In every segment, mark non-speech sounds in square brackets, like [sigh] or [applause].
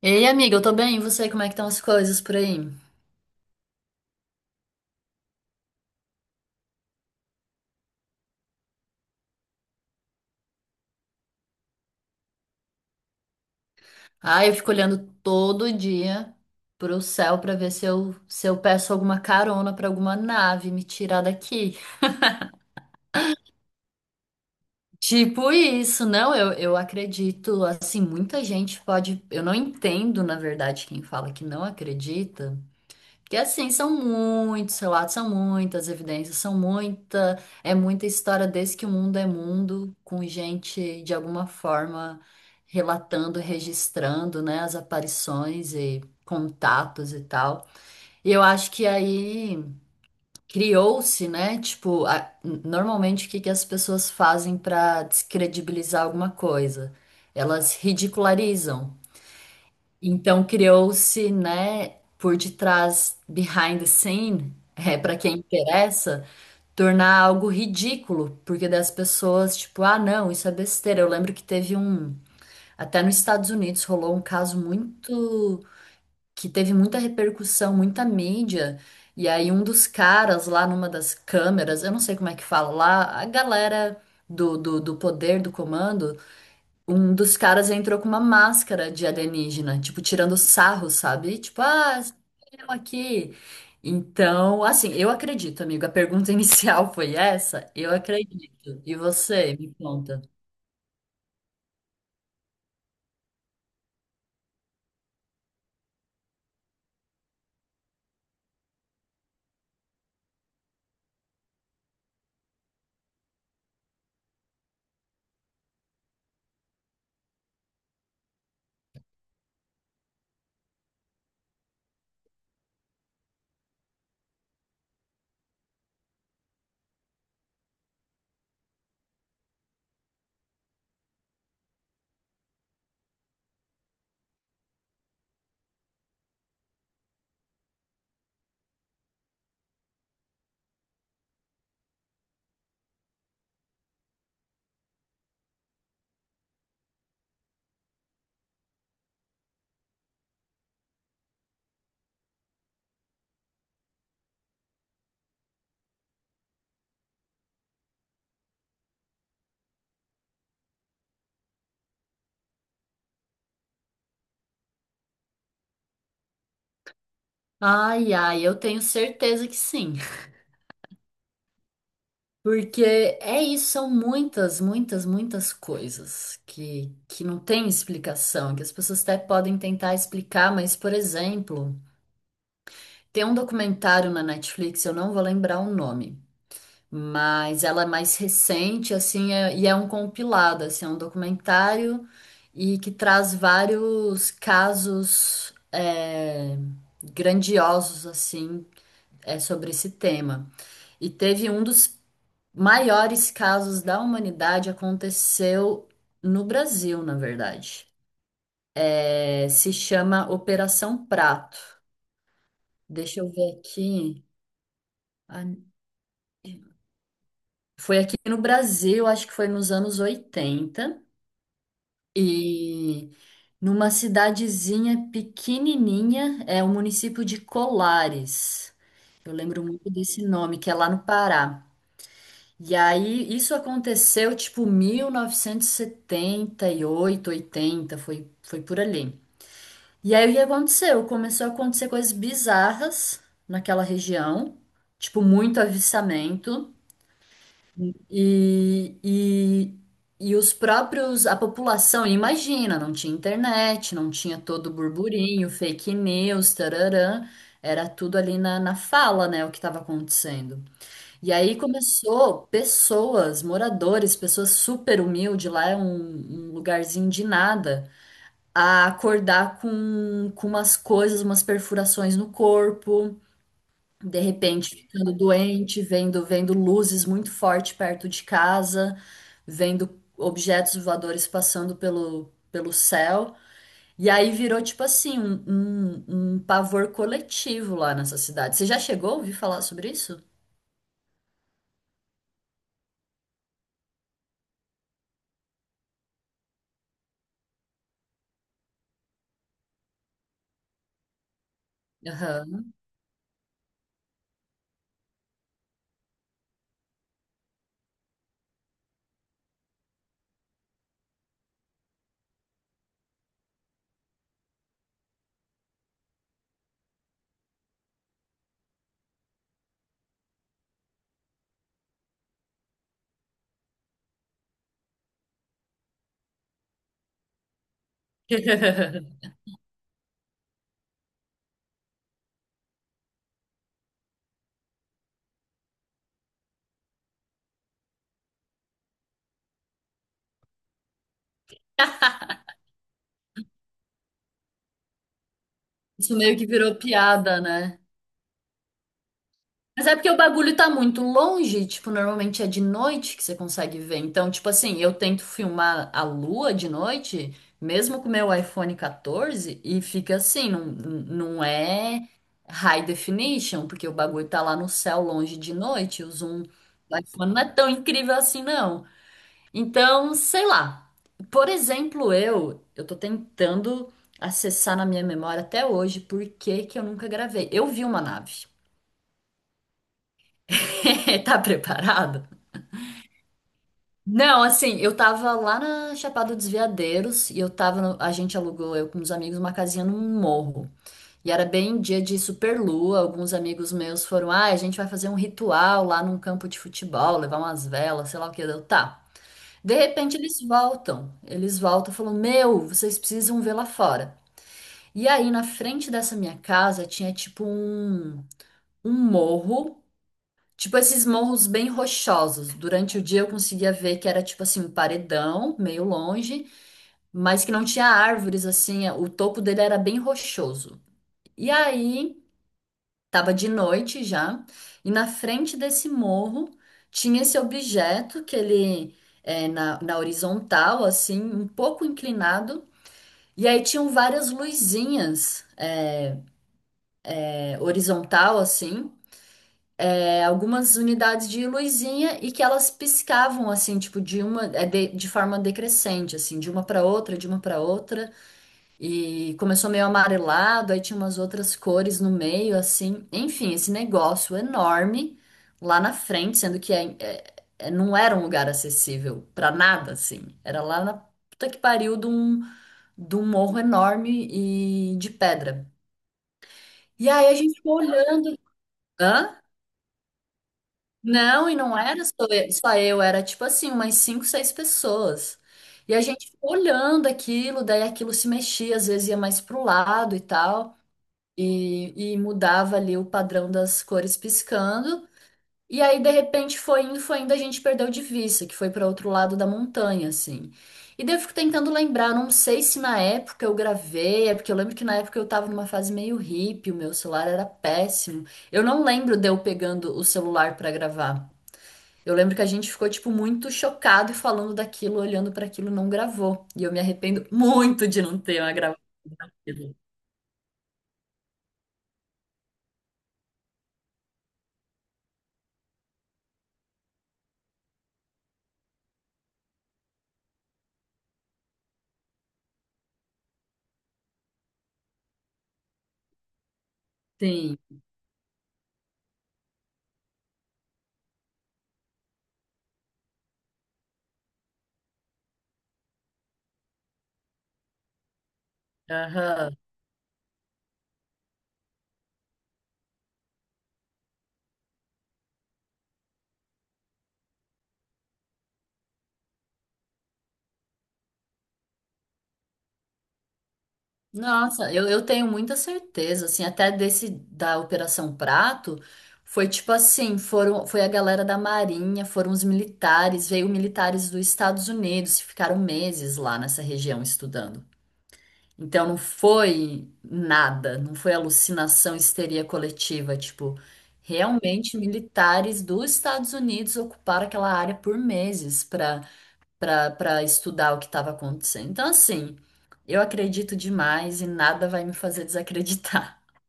Ei, amiga, eu tô bem, e você? Como é que estão as coisas por aí? Ah, eu fico olhando todo dia pro céu pra ver se eu peço alguma carona pra alguma nave me tirar daqui. Tipo isso, não, eu acredito, assim, muita gente pode, eu não entendo, na verdade, quem fala que não acredita. Porque assim, são muitos relatos, são muitas evidências, é muita história desde que o mundo é mundo, com gente de alguma forma relatando, registrando, né, as aparições e contatos e tal. E eu acho que aí criou-se, né, tipo, normalmente o que que as pessoas fazem para descredibilizar alguma coisa? Elas ridicularizam. Então criou-se, né, por detrás, behind the scene, é, para quem interessa, tornar algo ridículo, porque das pessoas, tipo, ah, não, isso é besteira. Eu lembro que teve um, até nos Estados Unidos rolou um caso muito, que teve muita repercussão, muita mídia, e aí um dos caras lá numa das câmeras, eu não sei como é que fala lá, a galera do poder, do comando, um dos caras entrou com uma máscara de alienígena, tipo, tirando sarro, sabe? Tipo, ah, eu aqui. Então, assim, eu acredito, amigo. A pergunta [laughs] inicial foi essa? Eu acredito. E você, me conta. Ai, ai, eu tenho certeza que sim. Porque é isso, são muitas coisas que não tem explicação, que as pessoas até podem tentar explicar, mas, por exemplo, tem um documentário na Netflix, eu não vou lembrar o nome. Mas ela é mais recente, assim, e é um compilado, assim, é um documentário e que traz vários casos, é, grandiosos, assim, é, sobre esse tema. E teve um dos maiores casos da humanidade aconteceu no Brasil, na verdade. É, se chama Operação Prato. Deixa eu ver aqui. Ah, foi aqui no Brasil, acho que foi nos anos 80. E numa cidadezinha pequenininha, é o município de Colares. Eu lembro muito desse nome, que é lá no Pará. E aí isso aconteceu tipo mil novecentos e setenta e oito, 80, foi por ali. E aí o que aconteceu? Começou a acontecer coisas bizarras naquela região, tipo muito avistamento. E, e, e os próprios, a população, imagina, não tinha internet, não tinha todo o burburinho, fake news, tararã, era tudo ali na fala, né, o que estava acontecendo. E aí começou pessoas, moradores, pessoas super humildes, lá é um lugarzinho de nada, a acordar com umas coisas, umas perfurações no corpo, de repente ficando doente, vendo luzes muito forte perto de casa, vendo objetos voadores passando pelo céu. E aí virou tipo assim, um pavor coletivo lá nessa cidade. Você já chegou a ouvir falar sobre isso? Aham. [laughs] Isso meio que virou piada, né? Mas é porque o bagulho tá muito longe, tipo, normalmente é de noite que você consegue ver. Então, tipo assim, eu tento filmar a lua de noite, mesmo com o meu iPhone 14, e fica assim, não, não é high definition, porque o bagulho tá lá no céu longe de noite, o zoom do iPhone não é tão incrível assim, não. Então, sei lá. Por exemplo, eu tô tentando acessar na minha memória até hoje por que que eu nunca gravei. Eu vi uma nave. [laughs] Tá preparado? Não, assim, eu tava lá na Chapada dos Veadeiros e eu tava, a gente alugou, eu com uns amigos, uma casinha num morro. E era bem dia de superlua, alguns amigos meus foram, ah, a gente vai fazer um ritual lá num campo de futebol, levar umas velas, sei lá o que, eu, tá. De repente eles voltam e falam, meu, vocês precisam ver lá fora. E aí, na frente dessa minha casa, tinha tipo um morro. Tipo esses morros bem rochosos. Durante o dia eu conseguia ver que era tipo assim um paredão, meio longe, mas que não tinha árvores assim, é, o topo dele era bem rochoso. E aí, tava de noite já, e na frente desse morro tinha esse objeto que ele é na horizontal, assim, um pouco inclinado, e aí tinham várias luzinhas, é, horizontal assim. É, algumas unidades de luzinha e que elas piscavam assim, tipo de uma, é, de forma decrescente, assim, de uma para outra, de uma para outra, e começou meio amarelado, aí tinha umas outras cores no meio, assim, enfim, esse negócio enorme lá na frente, sendo que não era um lugar acessível para nada, assim, era lá na puta que pariu de um morro enorme e de pedra. E aí a gente ficou olhando. Hã? Não, e não era só eu, era tipo assim, umas cinco, seis pessoas. E a gente ficou olhando aquilo, daí aquilo se mexia, às vezes ia mais pro lado e tal, e mudava ali o padrão das cores piscando. E aí, de repente, foi indo, a gente perdeu de vista, que foi para outro lado da montanha, assim. E daí eu fico tentando lembrar, não sei se na época eu gravei, é porque eu lembro que na época eu tava numa fase meio hippie, o meu celular era péssimo. Eu não lembro de eu pegando o celular para gravar. Eu lembro que a gente ficou, tipo, muito chocado e falando daquilo, olhando para aquilo, não gravou. E eu me arrependo muito de não ter uma gravação daquilo. Sim. Aham. Nossa, eu tenho muita certeza, assim, até desse da Operação Prato, foi tipo assim, foi a galera da Marinha, foram os militares, veio militares dos Estados Unidos, ficaram meses lá nessa região estudando. Então não foi nada, não foi alucinação, histeria coletiva, tipo, realmente militares dos Estados Unidos ocuparam aquela área por meses para para estudar o que estava acontecendo. Então assim, eu acredito demais e nada vai me fazer desacreditar. [laughs]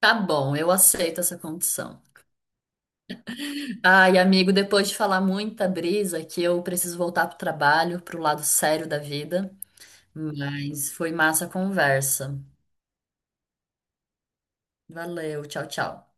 Tá bom, eu aceito essa condição. Ai, amigo, depois de falar muita brisa que eu preciso voltar pro trabalho, pro lado sério da vida, mas foi massa a conversa. Valeu, tchau, tchau.